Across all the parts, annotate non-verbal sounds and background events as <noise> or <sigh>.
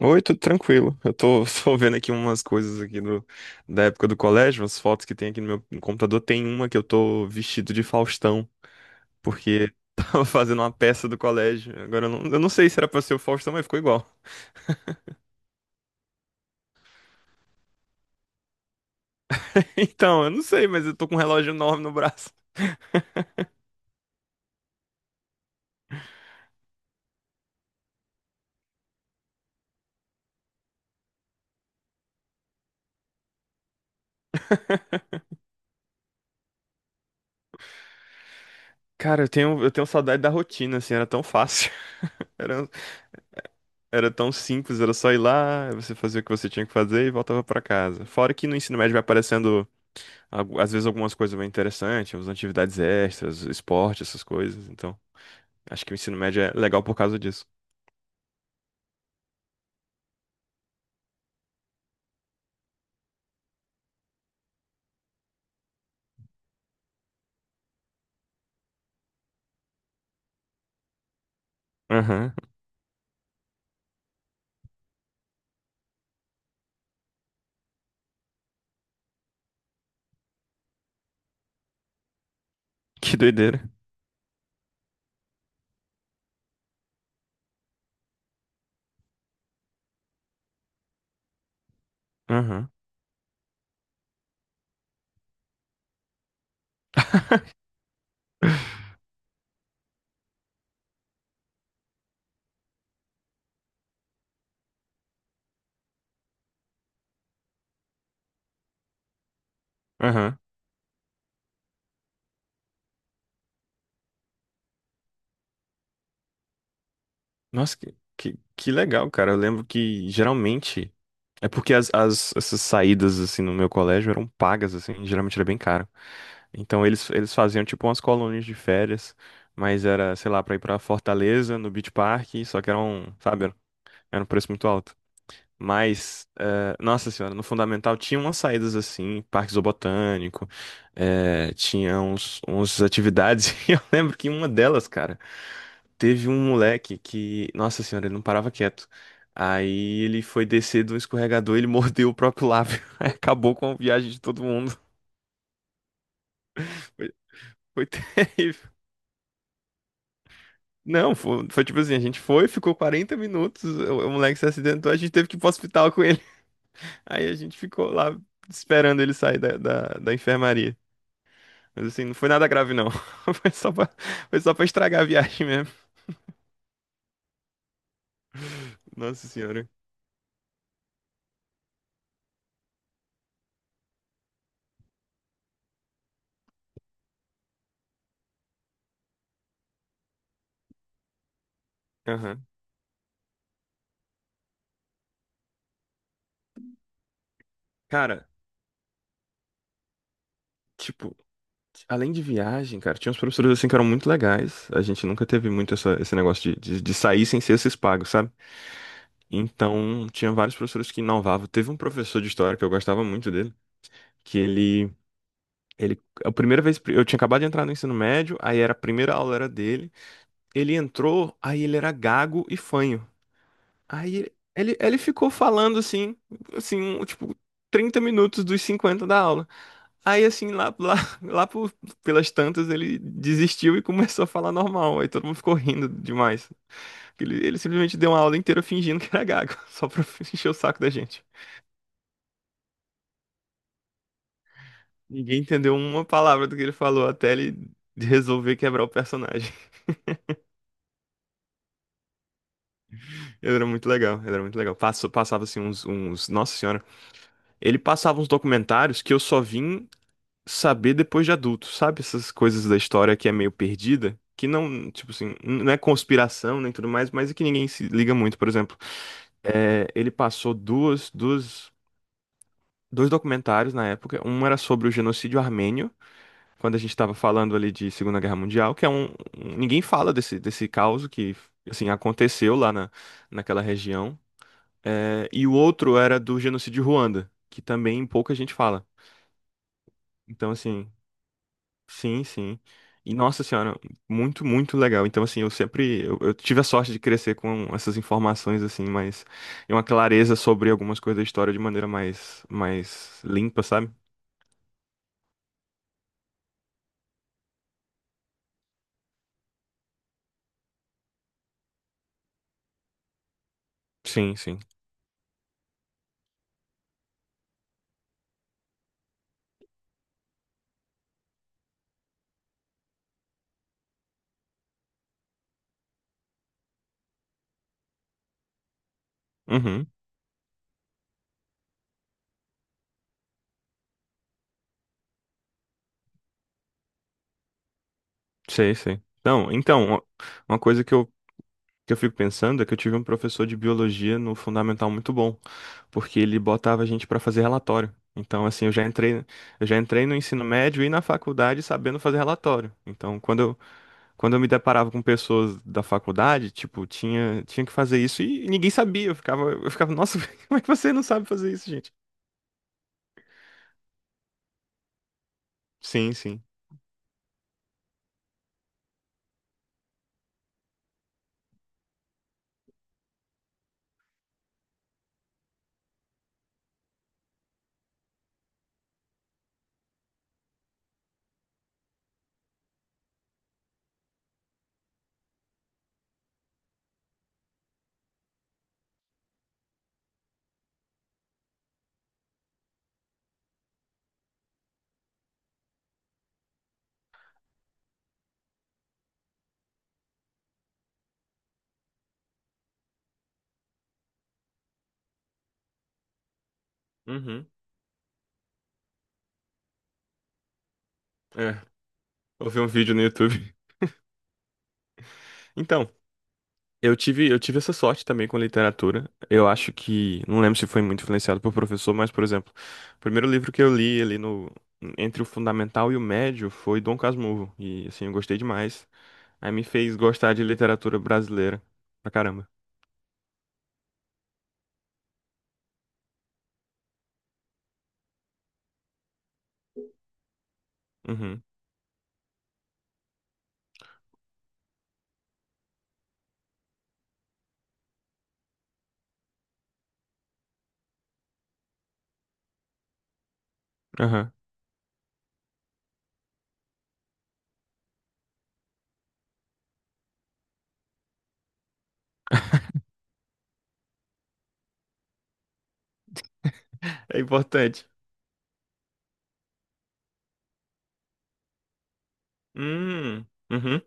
Oi, tudo tranquilo. Eu tô, <laughs> tô vendo aqui umas coisas aqui da época do colégio, umas fotos que tem aqui no meu no computador. Tem uma que eu tô vestido de Faustão, porque <laughs> tava fazendo uma peça do colégio. Agora eu não sei se era pra ser o Faustão, mas ficou igual. <laughs> Então, eu não sei, mas eu tô com um relógio enorme no braço. Cara, eu tenho saudade da rotina, assim, era tão fácil. <laughs> Era, era tão simples, era só ir lá, você fazia o que você tinha que fazer e voltava pra casa. Fora que no ensino médio vai aparecendo. Às vezes algumas coisas bem interessantes, umas atividades extras, esporte, essas coisas. Então, acho que o ensino médio é legal por causa disso. Aham. Que doideira. Aham. <laughs> Aham. Nossa, que legal, cara. Eu lembro que geralmente. É porque essas saídas, assim, no meu colégio eram pagas, assim, geralmente era bem caro. Então eles faziam, tipo, umas colônias de férias, mas era, sei lá, pra ir pra Fortaleza, no Beach Park, só que eram, sabe, era um preço muito alto. Mas, nossa senhora, no fundamental tinha umas saídas assim, parque zoobotânico, tinha uns atividades, <laughs> e eu lembro que em uma delas, cara, teve um moleque que, nossa senhora, ele não parava quieto. Aí ele foi descer do escorregador, ele <laughs> mordeu o próprio lábio. <laughs> Aí acabou com a viagem de todo mundo. <laughs> Foi, foi terrível. Não, foi, foi tipo assim, a gente foi, ficou 40 minutos, o moleque se acidentou, a gente teve que ir pro hospital com ele. Aí a gente ficou lá esperando ele sair da enfermaria. Mas assim, não foi nada grave, não. <laughs> Foi só pra, Foi só pra estragar a viagem mesmo. Nossa senhora. Aham. Cara, tipo, além de viagem, cara, tinha uns professores assim que eram muito legais. A gente nunca teve muito esse negócio de sair sem ser esses pagos, sabe? Então, tinha vários professores que inovavam. Teve um professor de história que eu gostava muito dele, que ele. Ele, a primeira vez, eu tinha acabado de entrar no ensino médio, aí era a primeira aula era dele. Ele entrou, aí ele era gago e fanho. Aí ele ficou falando tipo, 30 minutos dos 50 da aula. Aí assim, lá pelas tantas, ele desistiu e começou a falar normal. Aí todo mundo ficou rindo demais. Ele simplesmente deu uma aula inteira fingindo que era gago, <laughs> só pra encher o saco da gente. Ninguém entendeu uma palavra do que ele falou até ele resolver quebrar o personagem. <laughs> Ele era muito legal, ele era muito legal. Passou, passava assim uns. Nossa senhora. Ele passava uns documentários que eu só vim saber depois de adulto, sabe? Essas coisas da história que é meio perdida, que não, tipo assim, não é conspiração nem tudo mais, mas é que ninguém se liga muito, por exemplo. É, ele passou dois documentários na época. Um era sobre o genocídio armênio, quando a gente estava falando ali de Segunda Guerra Mundial, que é um, ninguém fala desse caos que assim aconteceu lá naquela região. É, e o outro era do genocídio Ruanda, que também pouca gente fala. Então, assim, sim, sim. E nossa senhora, muito, muito legal. Então, assim, eu tive a sorte de crescer com essas informações, assim, mas e uma clareza sobre algumas coisas da história de maneira mais, mais limpa, sabe? Sim, sim. Uhum, sei, sei. Não, então, uma coisa que eu fico pensando é que eu tive um professor de biologia no fundamental muito bom, porque ele botava a gente pra fazer relatório. Então, assim, eu já entrei no ensino médio e na faculdade sabendo fazer relatório. Então, quando eu me deparava com pessoas da faculdade, tipo, tinha que fazer isso e ninguém sabia. Eu ficava, nossa, <laughs> como é que você não sabe fazer isso, gente? Sim, sim. Uhum. É, eu vi um vídeo no YouTube. <laughs> Então, eu tive essa sorte também com literatura. Eu acho que, não lembro se foi muito influenciado por professor, mas, por exemplo, o primeiro livro que eu li ali no, entre o fundamental e o médio foi Dom Casmurro. E, assim, eu gostei demais. Aí me fez gostar de literatura brasileira pra caramba. Uhum. Aham. <laughs> É importante. Hum, uhum,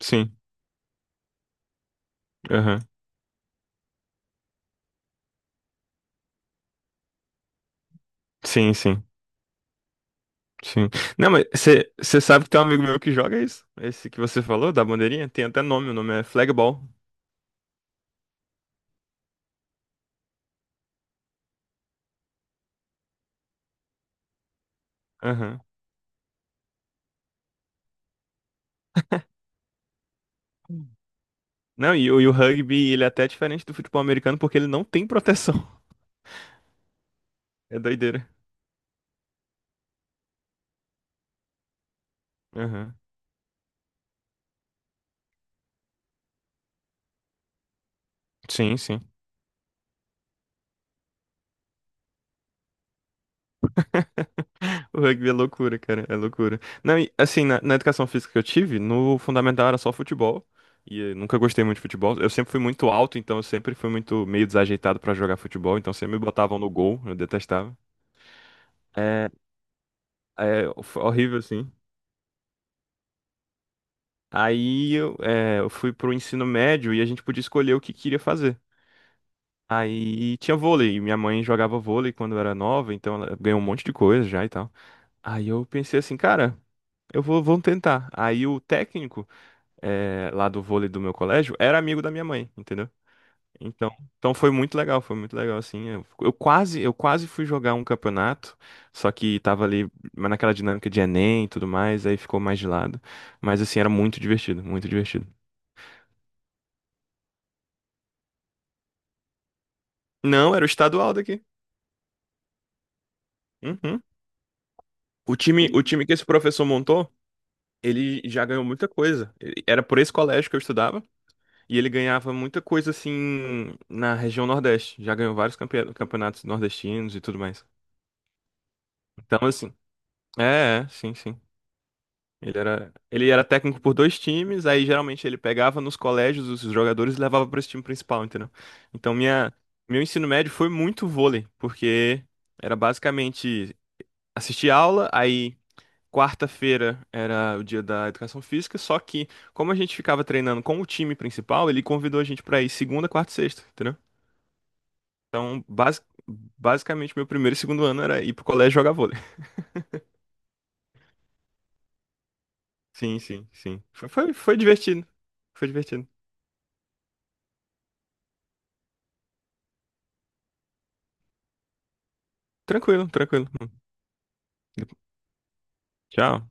sim, aham. Sim, sim, sim. Não, mas você sabe que tem um amigo meu que joga isso? Esse que você falou, da bandeirinha? Tem até nome, o nome é Flagball. Aham. Não, e o rugby, ele é até diferente do futebol americano porque ele não tem proteção. <laughs> É doideira. Aham. Sim, sim. O rugby é loucura, cara, é loucura. Não, e, assim, na educação física que eu tive, no fundamental era só futebol. E eu nunca gostei muito de futebol. Eu sempre fui muito alto, então eu sempre fui muito meio desajeitado pra jogar futebol, então sempre me botavam no gol, eu detestava. É, é foi horrível, assim. Aí eu fui pro ensino médio e a gente podia escolher o que queria fazer. Aí tinha vôlei, e minha mãe jogava vôlei quando eu era nova, então ela ganhou um monte de coisa já e tal. Aí eu pensei assim, cara, vou tentar. Aí o técnico lá do vôlei do meu colégio era amigo da minha mãe, entendeu? Então, então foi muito legal assim. Eu quase fui jogar um campeonato, só que tava ali mas naquela dinâmica de Enem e tudo mais, aí ficou mais de lado. Mas assim, era muito divertido, muito divertido. Não, era o estadual daqui. Uhum. O time que esse professor montou, ele já ganhou muita coisa. Ele- Era por esse colégio que eu estudava e ele ganhava muita coisa assim na região Nordeste. Já ganhou vários campeonatos nordestinos e tudo mais. Então, assim, é, é, sim, sim. Ele era técnico por dois times, aí geralmente ele pegava nos colégios os jogadores e levava para esse time principal, entendeu? Então minha, meu ensino médio foi muito vôlei, porque era basicamente assistir aula, aí quarta-feira era o dia da educação física, só que como a gente ficava treinando com o time principal, ele convidou a gente para ir segunda, quarta e sexta, entendeu? Então, basicamente meu primeiro e segundo ano era ir pro colégio jogar vôlei. <laughs> Sim, sim, sim. Foi divertido. Foi divertido. Tranquilo, tranquilo. Tchau.